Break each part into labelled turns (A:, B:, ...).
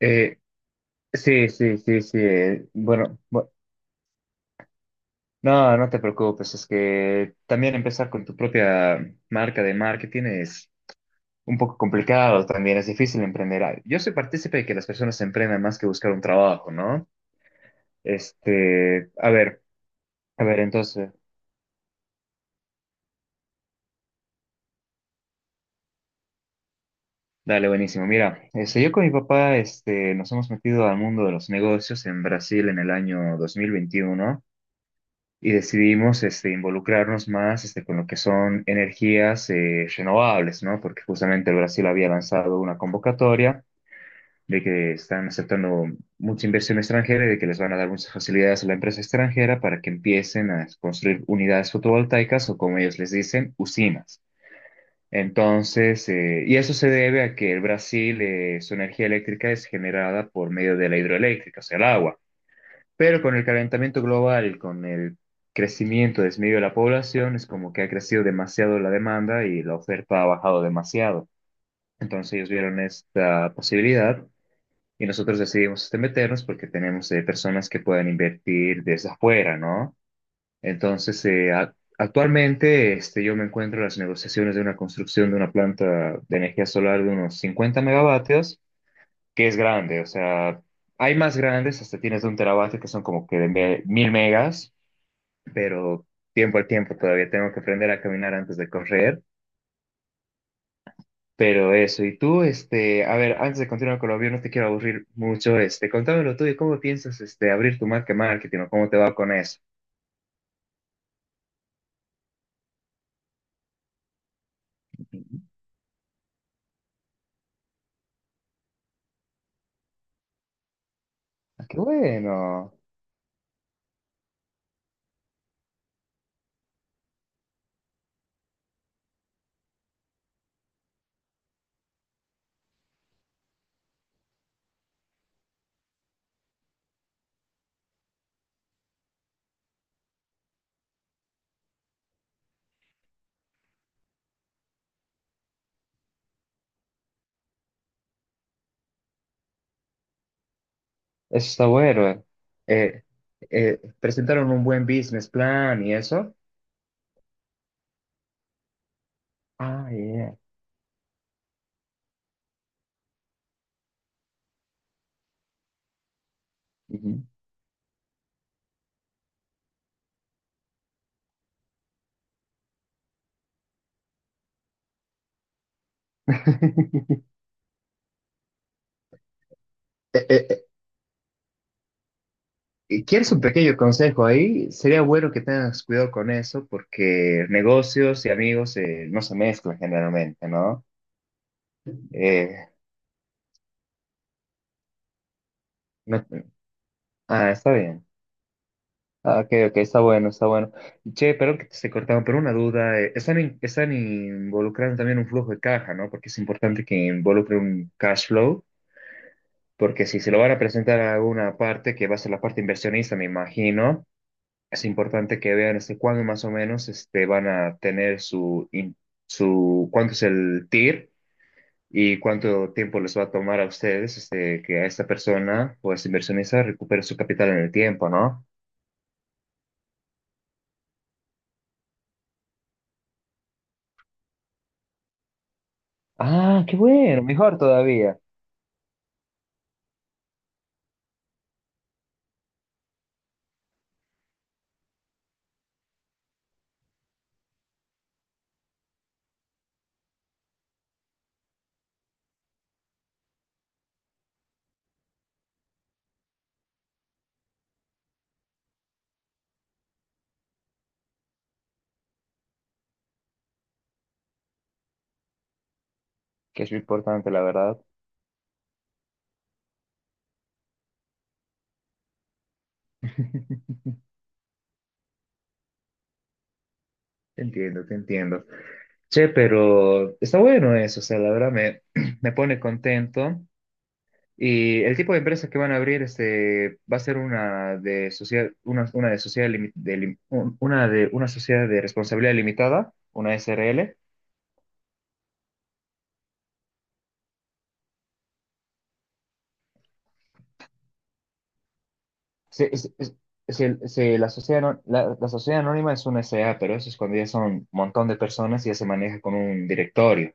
A: Eh, sí, sí, sí, sí. No, no te preocupes, es que también empezar con tu propia marca de marketing es un poco complicado también, es difícil emprender. Yo soy partícipe de que las personas emprendan más que buscar un trabajo, ¿no? Este, a ver, entonces, dale, buenísimo. Mira, este, yo con mi papá, este, nos hemos metido al mundo de los negocios en Brasil en el año 2021 y decidimos este, involucrarnos más este, con lo que son energías renovables, ¿no? Porque justamente el Brasil había lanzado una convocatoria de que están aceptando mucha inversión extranjera y de que les van a dar muchas facilidades a la empresa extranjera para que empiecen a construir unidades fotovoltaicas o como ellos les dicen, usinas. Entonces, y eso se debe a que el Brasil, su energía eléctrica es generada por medio de la hidroeléctrica, o sea, el agua. Pero con el calentamiento global y con el crecimiento desmedido de la población, es como que ha crecido demasiado la demanda y la oferta ha bajado demasiado. Entonces ellos vieron esta posibilidad y nosotros decidimos este, meternos porque tenemos personas que puedan invertir desde afuera, ¿no? Entonces, actualmente este, yo me encuentro en las negociaciones de una construcción de una planta de energía solar de unos 50 megavatios que es grande, o sea, hay más grandes, hasta tienes de un terabyte que son como que de mil megas, pero tiempo al tiempo todavía tengo que aprender a caminar antes de correr, pero eso, y tú, este, a ver, antes de continuar con lo mío, no te quiero aburrir mucho, este, contame lo tuyo, ¿cómo piensas, este, abrir tu marca de marketing o cómo te va con eso? Ah, qué bueno, eso está bueno. Eh, Presentaron un buen business plan y eso. Ah, yeah. Ujú. Y ¿quieres un pequeño consejo ahí? Sería bueno que tengas cuidado con eso porque negocios y amigos no se mezclan generalmente, ¿no? Eh, no- Ah, está bien. Ah, ok, ok, está bueno, está bueno. Che, perdón que te esté cortando, pero una duda. Están involucrando también un flujo de caja, ¿no? Porque es importante que involucre un cash flow, porque si se lo van a presentar a una parte, que va a ser la parte inversionista, me imagino. Es importante que vean este, cuándo más o menos este, van a tener cuánto es el TIR y cuánto tiempo les va a tomar a ustedes este, que a esta persona o a este inversionista recupere su capital en el tiempo, ¿no? Ah, qué bueno, mejor todavía, que es lo importante, la verdad. Te entiendo, te entiendo. Che, pero está bueno eso, o sea, la verdad me, me pone contento. Y el tipo de empresas que van a abrir este, va a ser una de sociedad limi- de lim- un- una de una sociedad de responsabilidad limitada, una SRL. Se- es- se- se- la sociedad, ano- La sociedad anónima es una SA, pero eso es cuando ya son un montón de personas y ya se maneja con un directorio.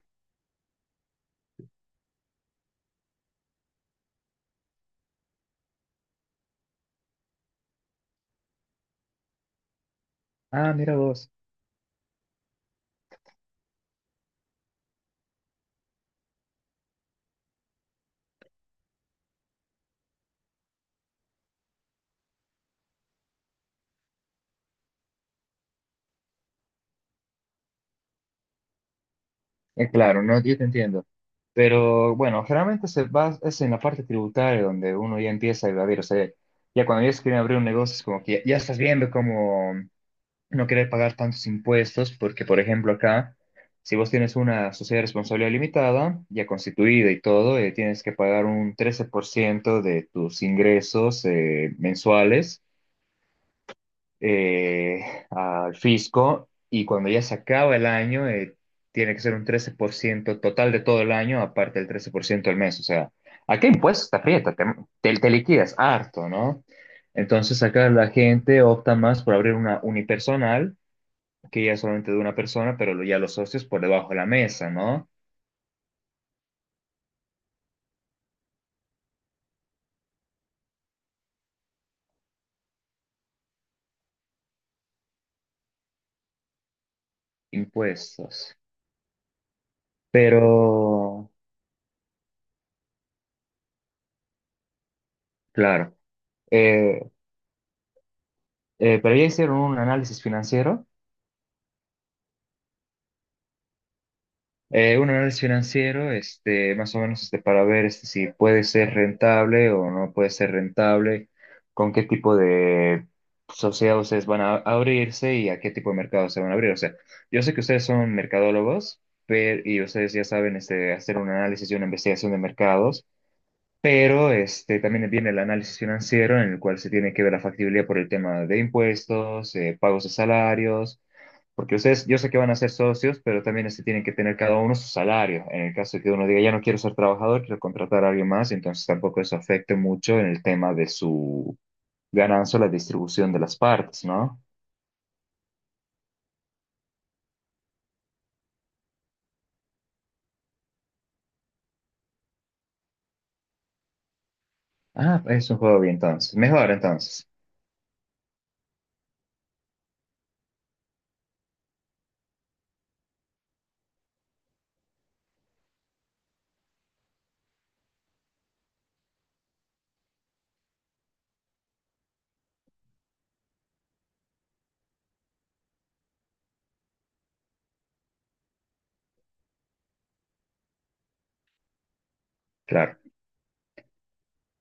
A: Ah, mira vos. Claro, no, yo te entiendo. Pero bueno, generalmente se va, es en la parte tributaria donde uno ya empieza a evadir. O sea, ya cuando ya se quieren abrir un negocio es como que ya estás viendo cómo no querer pagar tantos impuestos, porque, por ejemplo, acá, si vos tienes una sociedad de responsabilidad limitada, ya constituida y todo, tienes que pagar un 13% de tus ingresos mensuales eh, al fisco, y cuando ya se acaba el año, tiene que ser un 13% total de todo el año, aparte del 13% al mes. O sea, ¿a qué impuestos te aprieta? Te liquidas harto, ¿no? Entonces acá la gente opta más por abrir una unipersonal que ya es solamente de una persona, pero ya los socios por debajo de la mesa, ¿no? Impuestos. Pero, claro, eh, pero ya hicieron un análisis financiero, este, más o menos, este, para ver este, si puede ser rentable o no puede ser rentable, con qué tipo de sociedad ustedes van a abrirse y a qué tipo de mercado se van a abrir. O sea, yo sé que ustedes son mercadólogos, pero, y ustedes ya saben, este, hacer un análisis y una investigación de mercados. Pero este, también viene el análisis financiero en el cual se tiene que ver la factibilidad por el tema de impuestos, pagos de salarios, porque ustedes, yo sé que van a ser socios, pero también este, tienen que tener cada uno su salario. En el caso de que uno diga, ya no quiero ser trabajador, quiero contratar a alguien más, entonces tampoco eso afecte mucho en el tema de su ganancia o la distribución de las partes, ¿no? Ah, es un juego bien entonces. Mejor entonces, claro,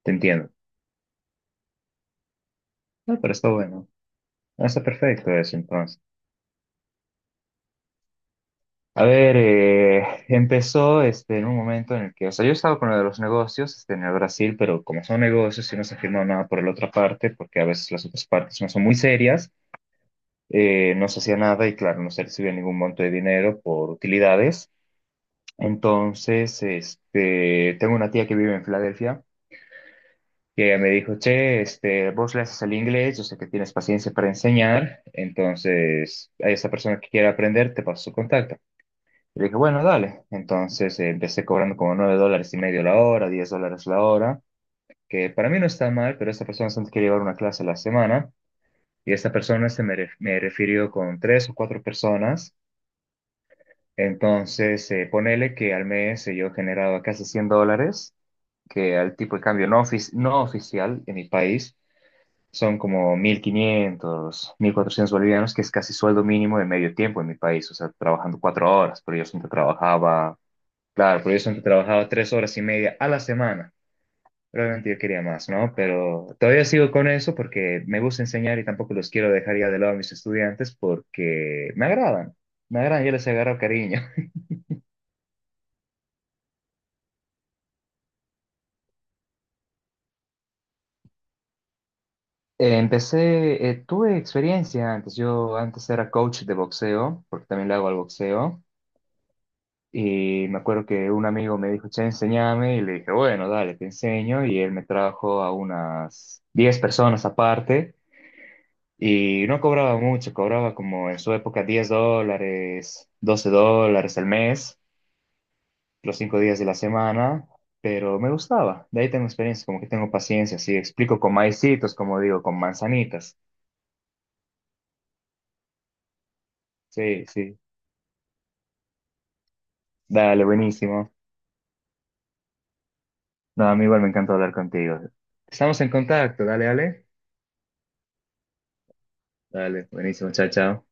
A: te entiendo. No, pero está bueno. Ah, está perfecto eso entonces. A ver, empezó este, en un momento en el que, o sea, yo estaba con lo de los negocios este, en el Brasil, pero como son negocios y no se firmó nada por la otra parte, porque a veces las otras partes no son muy serias, no se hacía nada y claro, no se recibía ningún monto de dinero por utilidades. Entonces, este, tengo una tía que vive en Filadelfia que ella me dijo, che, este, vos le haces el inglés, yo sé que tienes paciencia para enseñar, entonces a esa persona que quiera aprender, te paso su contacto. Y le dije, bueno, dale. Entonces empecé cobrando como $9.5 la hora, $10 la hora, que para mí no está mal, pero esta persona solo quería llevar una clase a la semana y esta persona me refirió con 3 o 4 personas. Entonces, ponele que al mes yo generaba casi $100, que al tipo de cambio no oficial en mi país son como 1.500 1.400 bolivianos, que es casi sueldo mínimo de medio tiempo en mi país, o sea, trabajando 4 horas, pero yo siempre trabajaba. Claro, por eso he trabajado 3 horas y media a la semana. Realmente yo quería más, ¿no? Pero todavía sigo con eso porque me gusta enseñar y tampoco los quiero dejar ya de lado a mis estudiantes porque me agradan, yo les agarro cariño. Empecé, tuve experiencia antes, yo antes era coach de boxeo, porque también le hago al boxeo, y me acuerdo que un amigo me dijo, che, enséñame, y le dije, bueno, dale, te enseño, y él me trajo a unas 10 personas aparte. Y no cobraba mucho, cobraba como en su época $10, $12 al mes, los 5 días de la semana, pero me gustaba. De ahí tengo experiencia, como que tengo paciencia, sí, explico con maicitos, como digo, con manzanitas. Sí, sí, dale, buenísimo. No, a mí igual me encanta hablar contigo. Estamos en contacto, dale, dale. Dale, buenísimo, chao, chao.